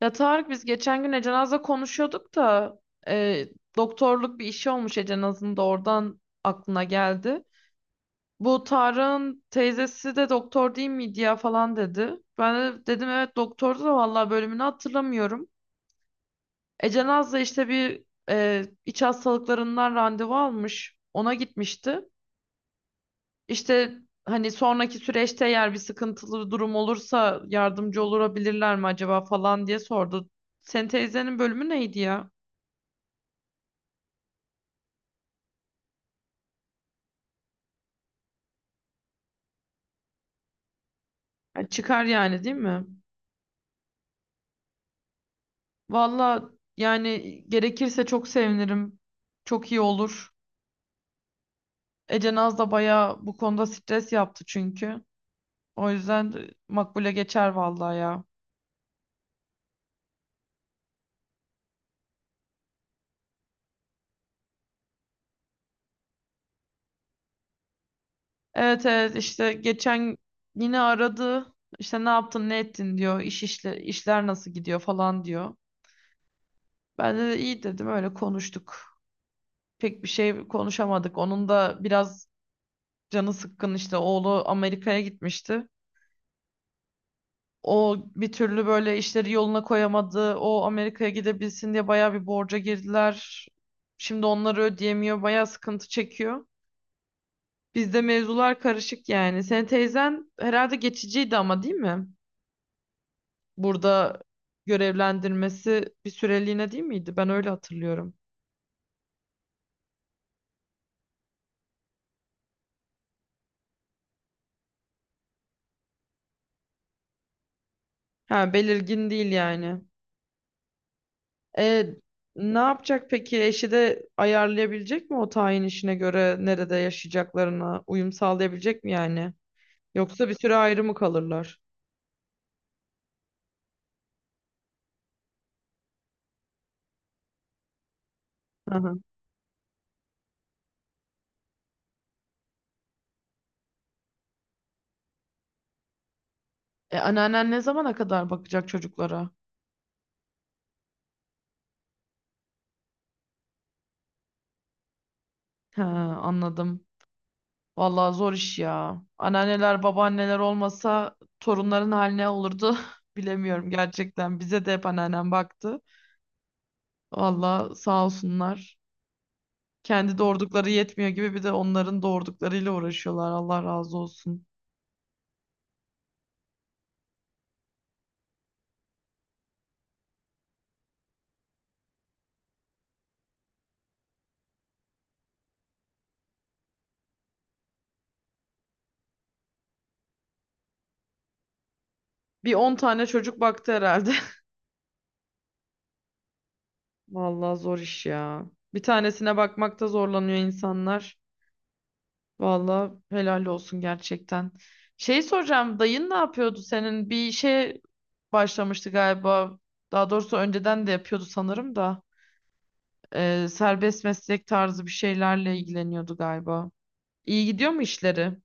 Ya Tarık biz geçen gün Ece Naz'la konuşuyorduk da e, doktorluk bir işi olmuş Ece Naz'ın da oradan aklına geldi. Bu Tarık'ın teyzesi de doktor değil miydi ya falan dedi. Ben de dedim evet doktordu da vallahi bölümünü hatırlamıyorum. Ece Naz da işte bir iç hastalıklarından randevu almış. Ona gitmişti. İşte hani sonraki süreçte eğer bir sıkıntılı durum olursa yardımcı olabilirler mi acaba falan diye sordu. Senin teyzenin bölümü neydi ya? Yani çıkar yani değil mi? Valla yani gerekirse çok sevinirim. Çok iyi olur. Ece Naz da bayağı bu konuda stres yaptı çünkü. O yüzden de makbule geçer vallahi ya. Evet evet, işte geçen yine aradı. İşte ne yaptın ne ettin diyor. İşler nasıl gidiyor falan diyor. Ben de iyi dedim öyle konuştuk. Pek bir şey konuşamadık. Onun da biraz canı sıkkın, işte oğlu Amerika'ya gitmişti. O bir türlü böyle işleri yoluna koyamadı. O Amerika'ya gidebilsin diye bayağı bir borca girdiler. Şimdi onları ödeyemiyor. Bayağı sıkıntı çekiyor. Bizde mevzular karışık yani. Senin teyzen herhalde geçiciydi ama değil mi? Burada görevlendirmesi bir süreliğine değil miydi? Ben öyle hatırlıyorum. Ha, belirgin değil yani. E, ne yapacak peki? Eşi de ayarlayabilecek mi o tayin işine göre nerede yaşayacaklarına uyum sağlayabilecek mi yani? Yoksa bir süre ayrı mı kalırlar? Hı hı. Anneannen ne zamana kadar bakacak çocuklara? He, anladım. Vallahi zor iş ya. Anneanneler, babaanneler olmasa torunların haline olurdu. Bilemiyorum gerçekten. Bize de hep anneannem baktı. Vallahi sağ olsunlar. Kendi doğurdukları yetmiyor gibi bir de onların doğurduklarıyla uğraşıyorlar. Allah razı olsun. Bir 10 tane çocuk baktı herhalde. Vallahi zor iş ya. Bir tanesine bakmakta zorlanıyor insanlar. Vallahi helal olsun gerçekten. Şey soracağım, dayın ne yapıyordu senin? Bir işe başlamıştı galiba. Daha doğrusu önceden de yapıyordu sanırım da. Serbest meslek tarzı bir şeylerle ilgileniyordu galiba. İyi gidiyor mu işleri?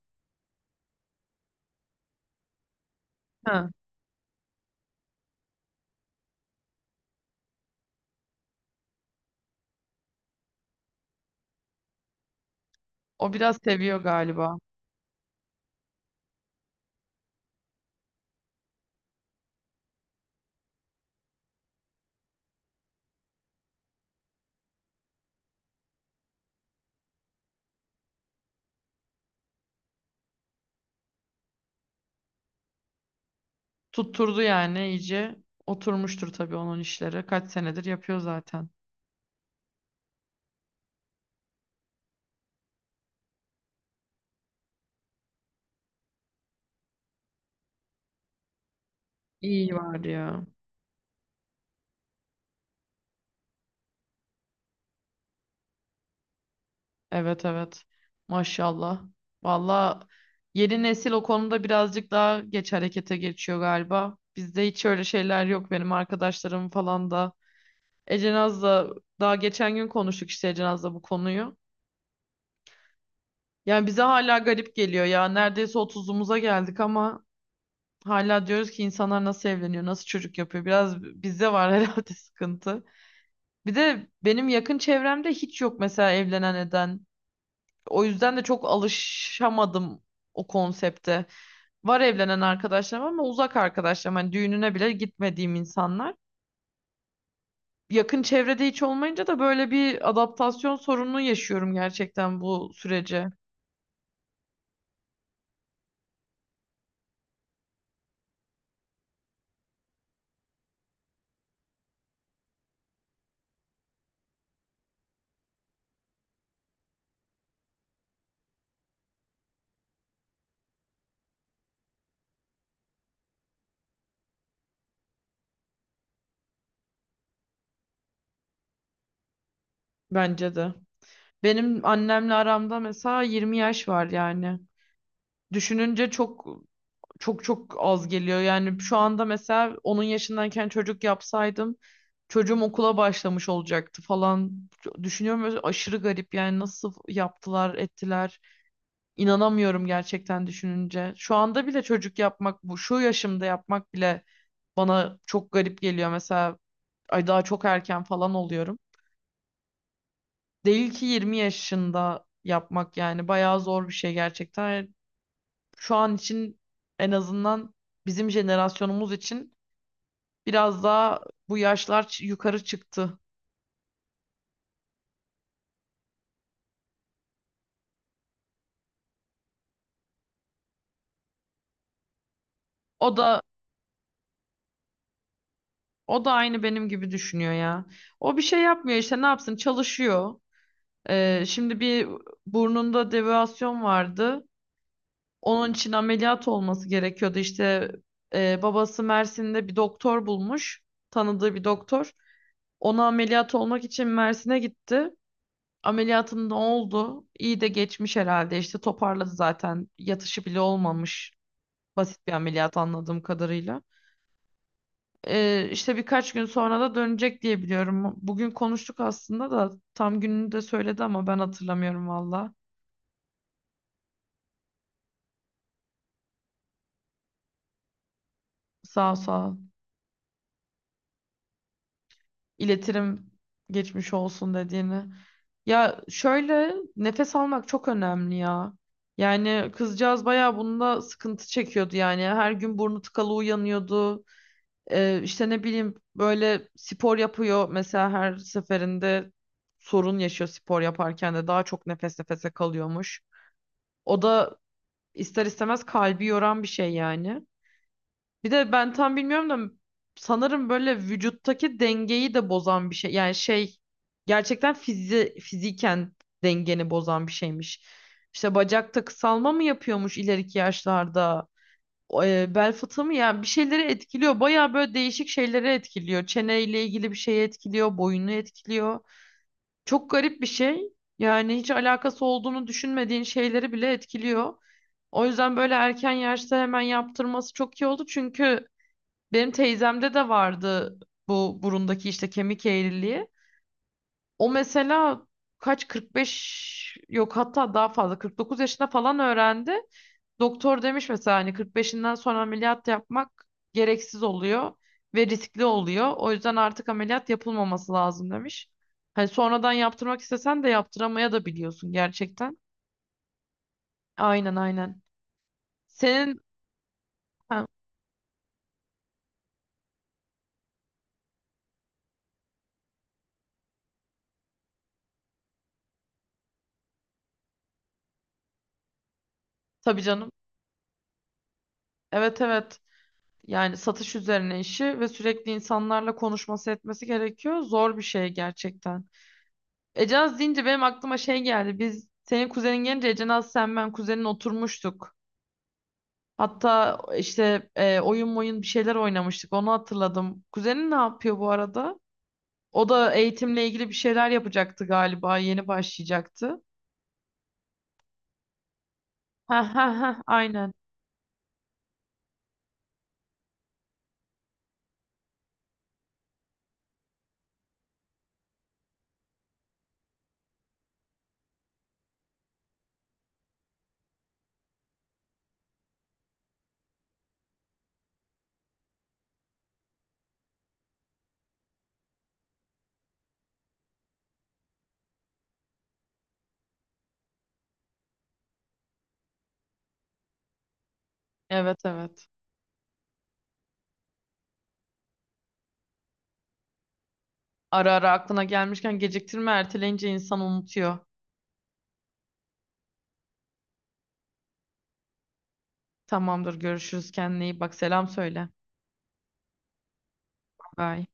Ha, o biraz seviyor galiba. Tutturdu yani iyice. Oturmuştur tabii onun işleri. Kaç senedir yapıyor zaten. İyi var ya. Evet evet. Maşallah. Valla yeni nesil o konuda birazcık daha geç harekete geçiyor galiba. Bizde hiç öyle şeyler yok, benim arkadaşlarım falan da. Ecenaz'la daha geçen gün konuştuk işte Ecenaz'la bu konuyu. Yani bize hala garip geliyor ya. Neredeyse 30'umuza geldik ama hala diyoruz ki insanlar nasıl evleniyor, nasıl çocuk yapıyor. Biraz bizde var herhalde sıkıntı. Bir de benim yakın çevremde hiç yok mesela evlenen eden. O yüzden de çok alışamadım o konsepte. Var evlenen arkadaşlarım ama uzak arkadaşlarım. Hani düğününe bile gitmediğim insanlar. Yakın çevrede hiç olmayınca da böyle bir adaptasyon sorunu yaşıyorum gerçekten bu sürece. Bence de. Benim annemle aramda mesela 20 yaş var yani. Düşününce çok az geliyor. Yani şu anda mesela onun yaşındayken çocuk yapsaydım çocuğum okula başlamış olacaktı falan. Düşünüyorum böyle aşırı garip yani nasıl yaptılar ettiler. İnanamıyorum gerçekten düşününce. Şu anda bile çocuk yapmak, bu şu yaşımda yapmak bile bana çok garip geliyor. Mesela ay daha çok erken falan oluyorum. Değil ki 20 yaşında yapmak, yani bayağı zor bir şey gerçekten. Şu an için en azından bizim jenerasyonumuz için biraz daha bu yaşlar yukarı çıktı. O da o da aynı benim gibi düşünüyor ya. O bir şey yapmıyor işte, ne yapsın çalışıyor. Şimdi bir burnunda devasyon vardı. Onun için ameliyat olması gerekiyordu. İşte babası Mersin'de bir doktor bulmuş. Tanıdığı bir doktor. Ona ameliyat olmak için Mersin'e gitti. Ameliyatında oldu. İyi de geçmiş herhalde. İşte toparladı zaten. Yatışı bile olmamış. Basit bir ameliyat anladığım kadarıyla. İşte birkaç gün sonra da dönecek diye biliyorum. Bugün konuştuk aslında da tam gününü de söyledi ama ben hatırlamıyorum valla. Sağ ol, sağ ol. İletirim geçmiş olsun dediğini. Ya şöyle, nefes almak çok önemli ya. Yani kızcağız bayağı bunda sıkıntı çekiyordu yani. Her gün burnu tıkalı uyanıyordu. İşte ne bileyim, böyle spor yapıyor mesela, her seferinde sorun yaşıyor, spor yaparken de daha çok nefes nefese kalıyormuş. O da ister istemez kalbi yoran bir şey yani. Bir de ben tam bilmiyorum da sanırım böyle vücuttaki dengeyi de bozan bir şey. Yani şey, gerçekten fiziken dengeni bozan bir şeymiş. İşte bacakta kısalma mı yapıyormuş ileriki yaşlarda? O, bel fıtığı mı? Yani bir şeyleri etkiliyor. Bayağı böyle değişik şeyleri etkiliyor. Çeneyle ilgili bir şeyi etkiliyor. Boyunu etkiliyor. Çok garip bir şey. Yani hiç alakası olduğunu düşünmediğin şeyleri bile etkiliyor. O yüzden böyle erken yaşta hemen yaptırması çok iyi oldu. Çünkü benim teyzemde de vardı bu burundaki işte kemik eğriliği. O mesela kaç 45 yok hatta daha fazla 49 yaşında falan öğrendi. Doktor demiş mesela hani 45'inden sonra ameliyat yapmak gereksiz oluyor ve riskli oluyor. O yüzden artık ameliyat yapılmaması lazım demiş. Hani sonradan yaptırmak istesen de yaptıramaya da biliyorsun gerçekten. Aynen aynen. Senin ha, tabii canım. Evet evet. Yani satış üzerine işi ve sürekli insanlarla konuşması etmesi gerekiyor. Zor bir şey gerçekten. Ecenaz deyince benim aklıma şey geldi. Biz senin kuzenin gelince Ecenaz, sen, ben, kuzenin oturmuştuk. Hatta işte oyun bir şeyler oynamıştık. Onu hatırladım. Kuzenin ne yapıyor bu arada? O da eğitimle ilgili bir şeyler yapacaktı galiba. Yeni başlayacaktı. Ha ha ha aynen. Evet evet. Ara ara aklına gelmişken geciktirme, erteleyince insan unutuyor. Tamamdır, görüşürüz, kendine iyi bak, selam söyle. Bye.